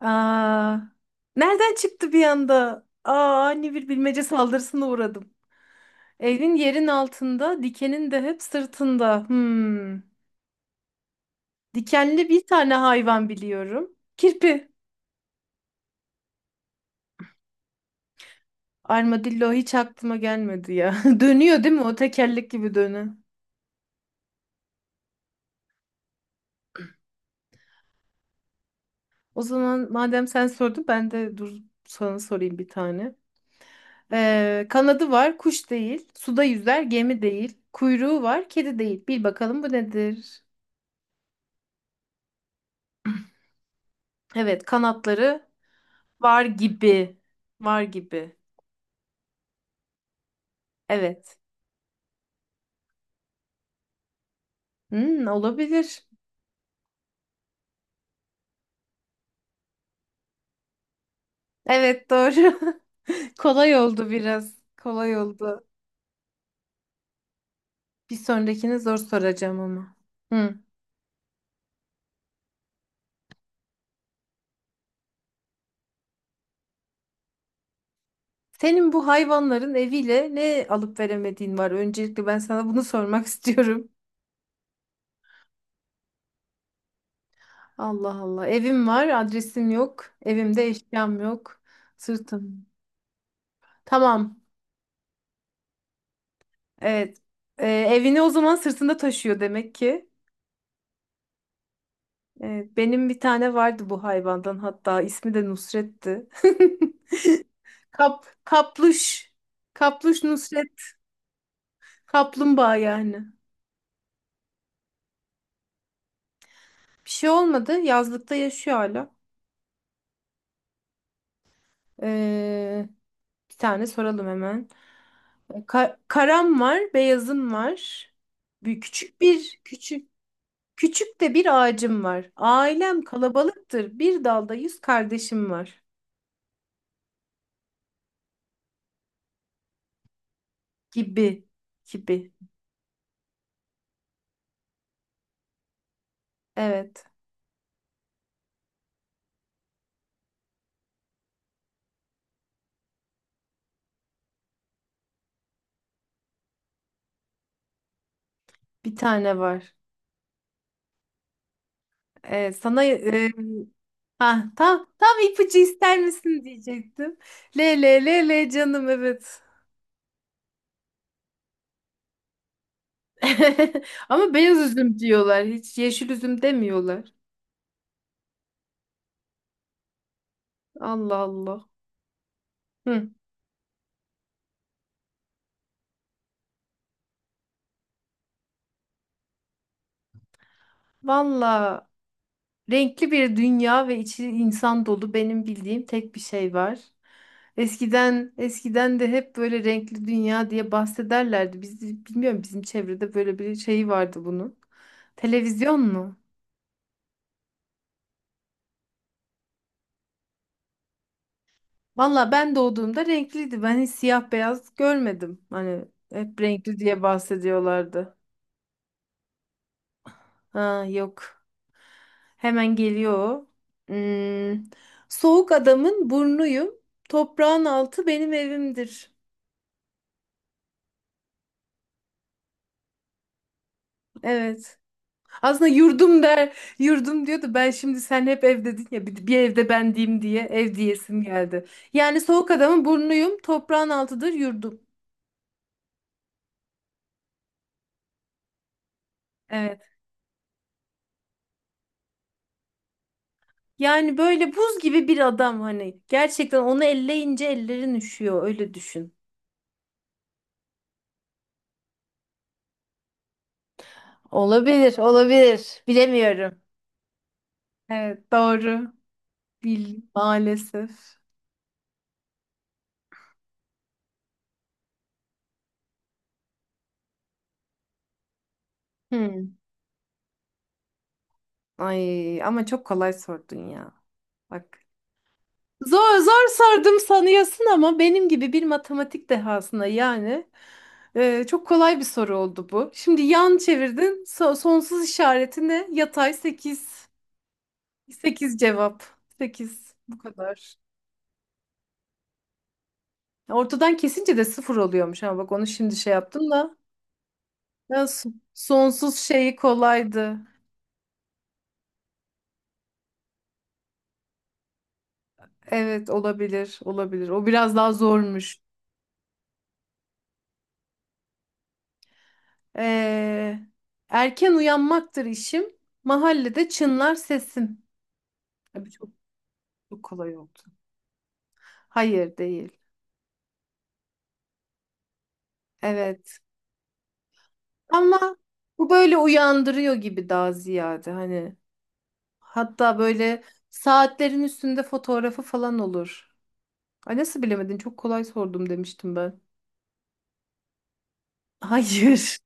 Aa, nereden çıktı bir anda? Aa, ani bir bilmece saldırısına uğradım. Evin yerin altında, dikenin de hep sırtında. Hmm. Dikenli bir tane hayvan biliyorum. Kirpi. Armadillo hiç aklıma gelmedi ya. Dönüyor değil mi? O tekerlek gibi dönü. O zaman madem sen sordun ben de dur sana sorayım bir tane. Kanadı var, kuş değil. Suda yüzer, gemi değil. Kuyruğu var, kedi değil. Bil bakalım bu nedir? Evet, kanatları var gibi. Var gibi. Evet. Hmm, olabilir. Evet doğru. Kolay oldu biraz. Kolay oldu. Bir sonrakini zor soracağım ama. Hı. Senin bu hayvanların eviyle ne alıp veremediğin var? Öncelikle ben sana bunu sormak istiyorum. Allah Allah. Evim var, adresim yok. Evimde eşyam yok. Sırtım. Tamam. Evet. Evini o zaman sırtında taşıyor demek ki. Evet, benim bir tane vardı bu hayvandan hatta ismi de Nusret'ti. Kapluş. Kapluş Nusret. Kaplumbağa yani. Bir şey olmadı. Yazlıkta yaşıyor hala. Ee, Bir tane soralım hemen. Karam var, beyazım var. Bir küçük küçük de bir ağacım var. Ailem kalabalıktır. Bir dalda yüz kardeşim var. Gibi gibi. Evet, bir tane var. Ee, sana e, ha tam tam ipucu ister misin diyecektim. Le le le le canım evet. Ama beyaz üzüm diyorlar. Hiç yeşil üzüm demiyorlar. Allah Allah. Hı. Valla renkli bir dünya ve içi insan dolu benim bildiğim tek bir şey var. Eskiden de hep böyle renkli dünya diye bahsederlerdi. Biz bilmiyorum bizim çevrede böyle bir şey vardı bunun. Televizyon mu? Valla ben doğduğumda renkliydi. Ben hiç siyah beyaz görmedim. Hani hep renkli diye bahsediyorlardı. Ha yok. Hemen geliyor. O. Hmm. Soğuk adamın burnuyum. Toprağın altı benim evimdir. Evet. Aslında yurdum der. Yurdum diyordu. Ben şimdi sen hep ev dedin ya bir evde ben diyeyim diye ev diyesim geldi. Yani soğuk adamın burnuyum. Toprağın altıdır yurdum. Evet. Yani böyle buz gibi bir adam hani. Gerçekten onu elleyince ellerin üşüyor öyle düşün. Olabilir, olabilir. Bilemiyorum. Evet doğru. Bil maalesef. Hmm. Ay ama çok kolay sordun ya. Bak. Zor sordum sanıyorsun ama benim gibi bir matematik dehasına yani çok kolay bir soru oldu bu. Şimdi yan çevirdin. Sonsuz işareti ne? Yatay sekiz, 8 cevap. Sekiz bu kadar. Ortadan kesince de sıfır oluyormuş ama bak onu şimdi şey yaptım da. Ya, sonsuz şeyi kolaydı. Evet olabilir olabilir. O biraz daha zormuş. Ee, Erken uyanmaktır işim. Mahallede çınlar sesim. Abi çok kolay oldu. Hayır değil. Evet. Ama bu böyle uyandırıyor gibi daha ziyade hani. Hatta böyle saatlerin üstünde fotoğrafı falan olur. Ay nasıl bilemedin? Çok kolay sordum demiştim ben. Hayır.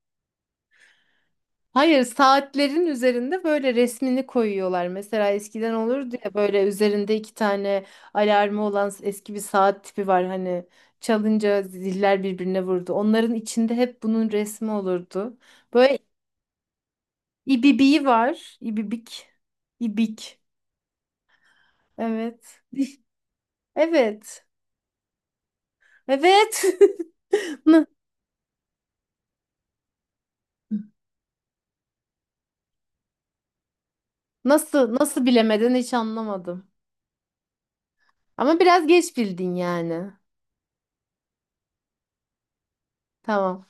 Hayır, saatlerin üzerinde böyle resmini koyuyorlar. Mesela eskiden olurdu ya böyle üzerinde iki tane alarmı olan eski bir saat tipi var. Hani çalınca ziller birbirine vurdu. Onların içinde hep bunun resmi olurdu. Böyle ibibiği var. İbibik. İbik. Evet. Evet. Evet. Na- Nasıl nasıl bilemeden hiç anlamadım. Ama biraz geç bildin yani. Tamam.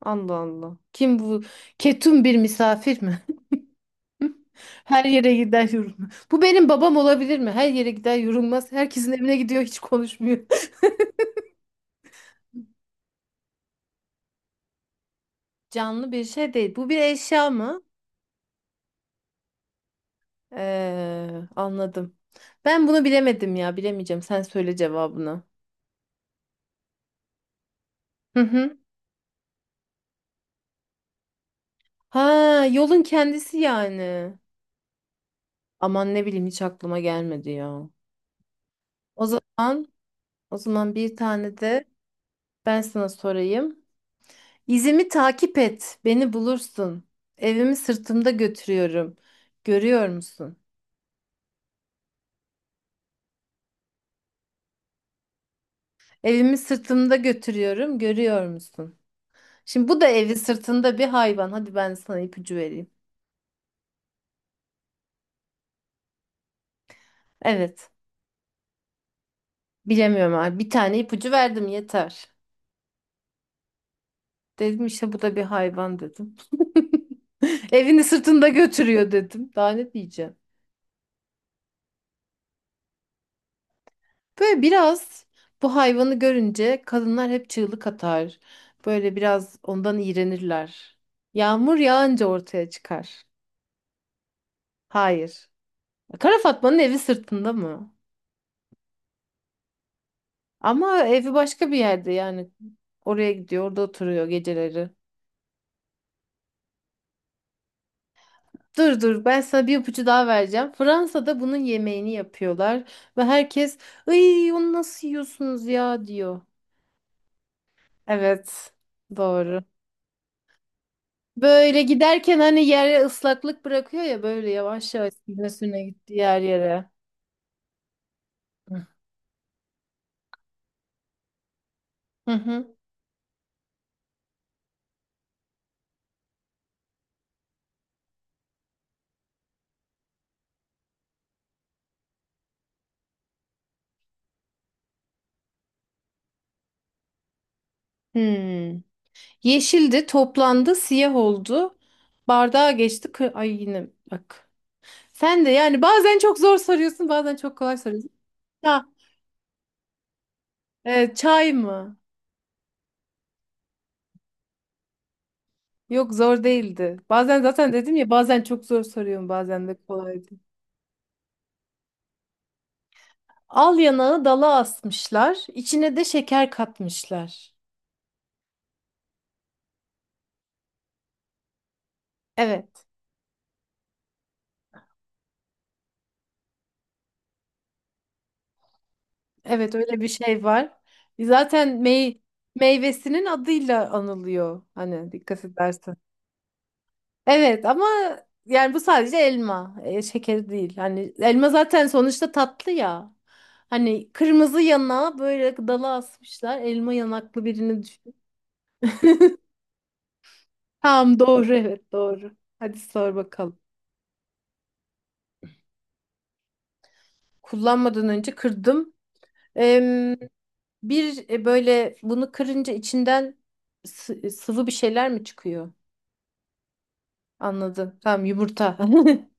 Allah Allah. Kim bu? Ketum bir misafir mi? Her yere gider yorulmaz. Bu benim babam olabilir mi? Her yere gider yorulmaz. Herkesin evine gidiyor hiç konuşmuyor. Canlı bir şey değil. Bu bir eşya mı? Anladım. Ben bunu bilemedim ya. Bilemeyeceğim. Sen söyle cevabını. Hı hı. Ha, yolun kendisi yani. Aman ne bileyim hiç aklıma gelmedi ya. O zaman, O zaman bir tane de ben sana sorayım. İzimi takip et, beni bulursun. Evimi sırtımda götürüyorum. Görüyor musun? Evimi sırtımda götürüyorum, görüyor musun? Şimdi bu da evi sırtında bir hayvan. Hadi ben sana ipucu vereyim. Evet. Bilemiyorum abi. Bir tane ipucu verdim yeter. Dedim işte bu da bir hayvan dedim. Evini sırtında götürüyor dedim. Daha ne diyeceğim? Böyle biraz bu hayvanı görünce kadınlar hep çığlık atar. Böyle biraz ondan iğrenirler. Yağmur yağınca ortaya çıkar. Hayır. Kara Fatma'nın evi sırtında mı? Ama evi başka bir yerde yani. Oraya gidiyor, orada oturuyor geceleri. Dur dur ben sana bir ipucu daha vereceğim. Fransa'da bunun yemeğini yapıyorlar ve herkes "Iy onu nasıl yiyorsunuz ya?" diyor. Evet, doğru. Böyle giderken hani yere ıslaklık bırakıyor ya böyle yavaş yavaş sürüne sürüne gitti yer yere. Hı hı. Hı. Hmm. Yeşildi, toplandı, siyah oldu. Bardağa geçti. Ay yine bak. Sen de yani bazen çok zor soruyorsun, bazen çok kolay soruyorsun. Ha, çay mı? Yok zor değildi. Bazen zaten dedim ya bazen çok zor soruyorum, bazen de kolaydı. Al yanağı dala asmışlar, içine de şeker katmışlar. Evet, evet öyle bir şey var. Zaten meyvesinin adıyla anılıyor. Hani dikkat edersen. Evet ama yani bu sadece elma, şeker değil. Hani elma zaten sonuçta tatlı ya. Hani kırmızı yana böyle dala asmışlar. Elma yanaklı birini düşün. Tamam doğru evet doğru. Hadi sor bakalım. Kullanmadan önce kırdım. Em, bir böyle bunu kırınca içinden sıvı bir şeyler mi çıkıyor? Anladım. Tamam yumurta.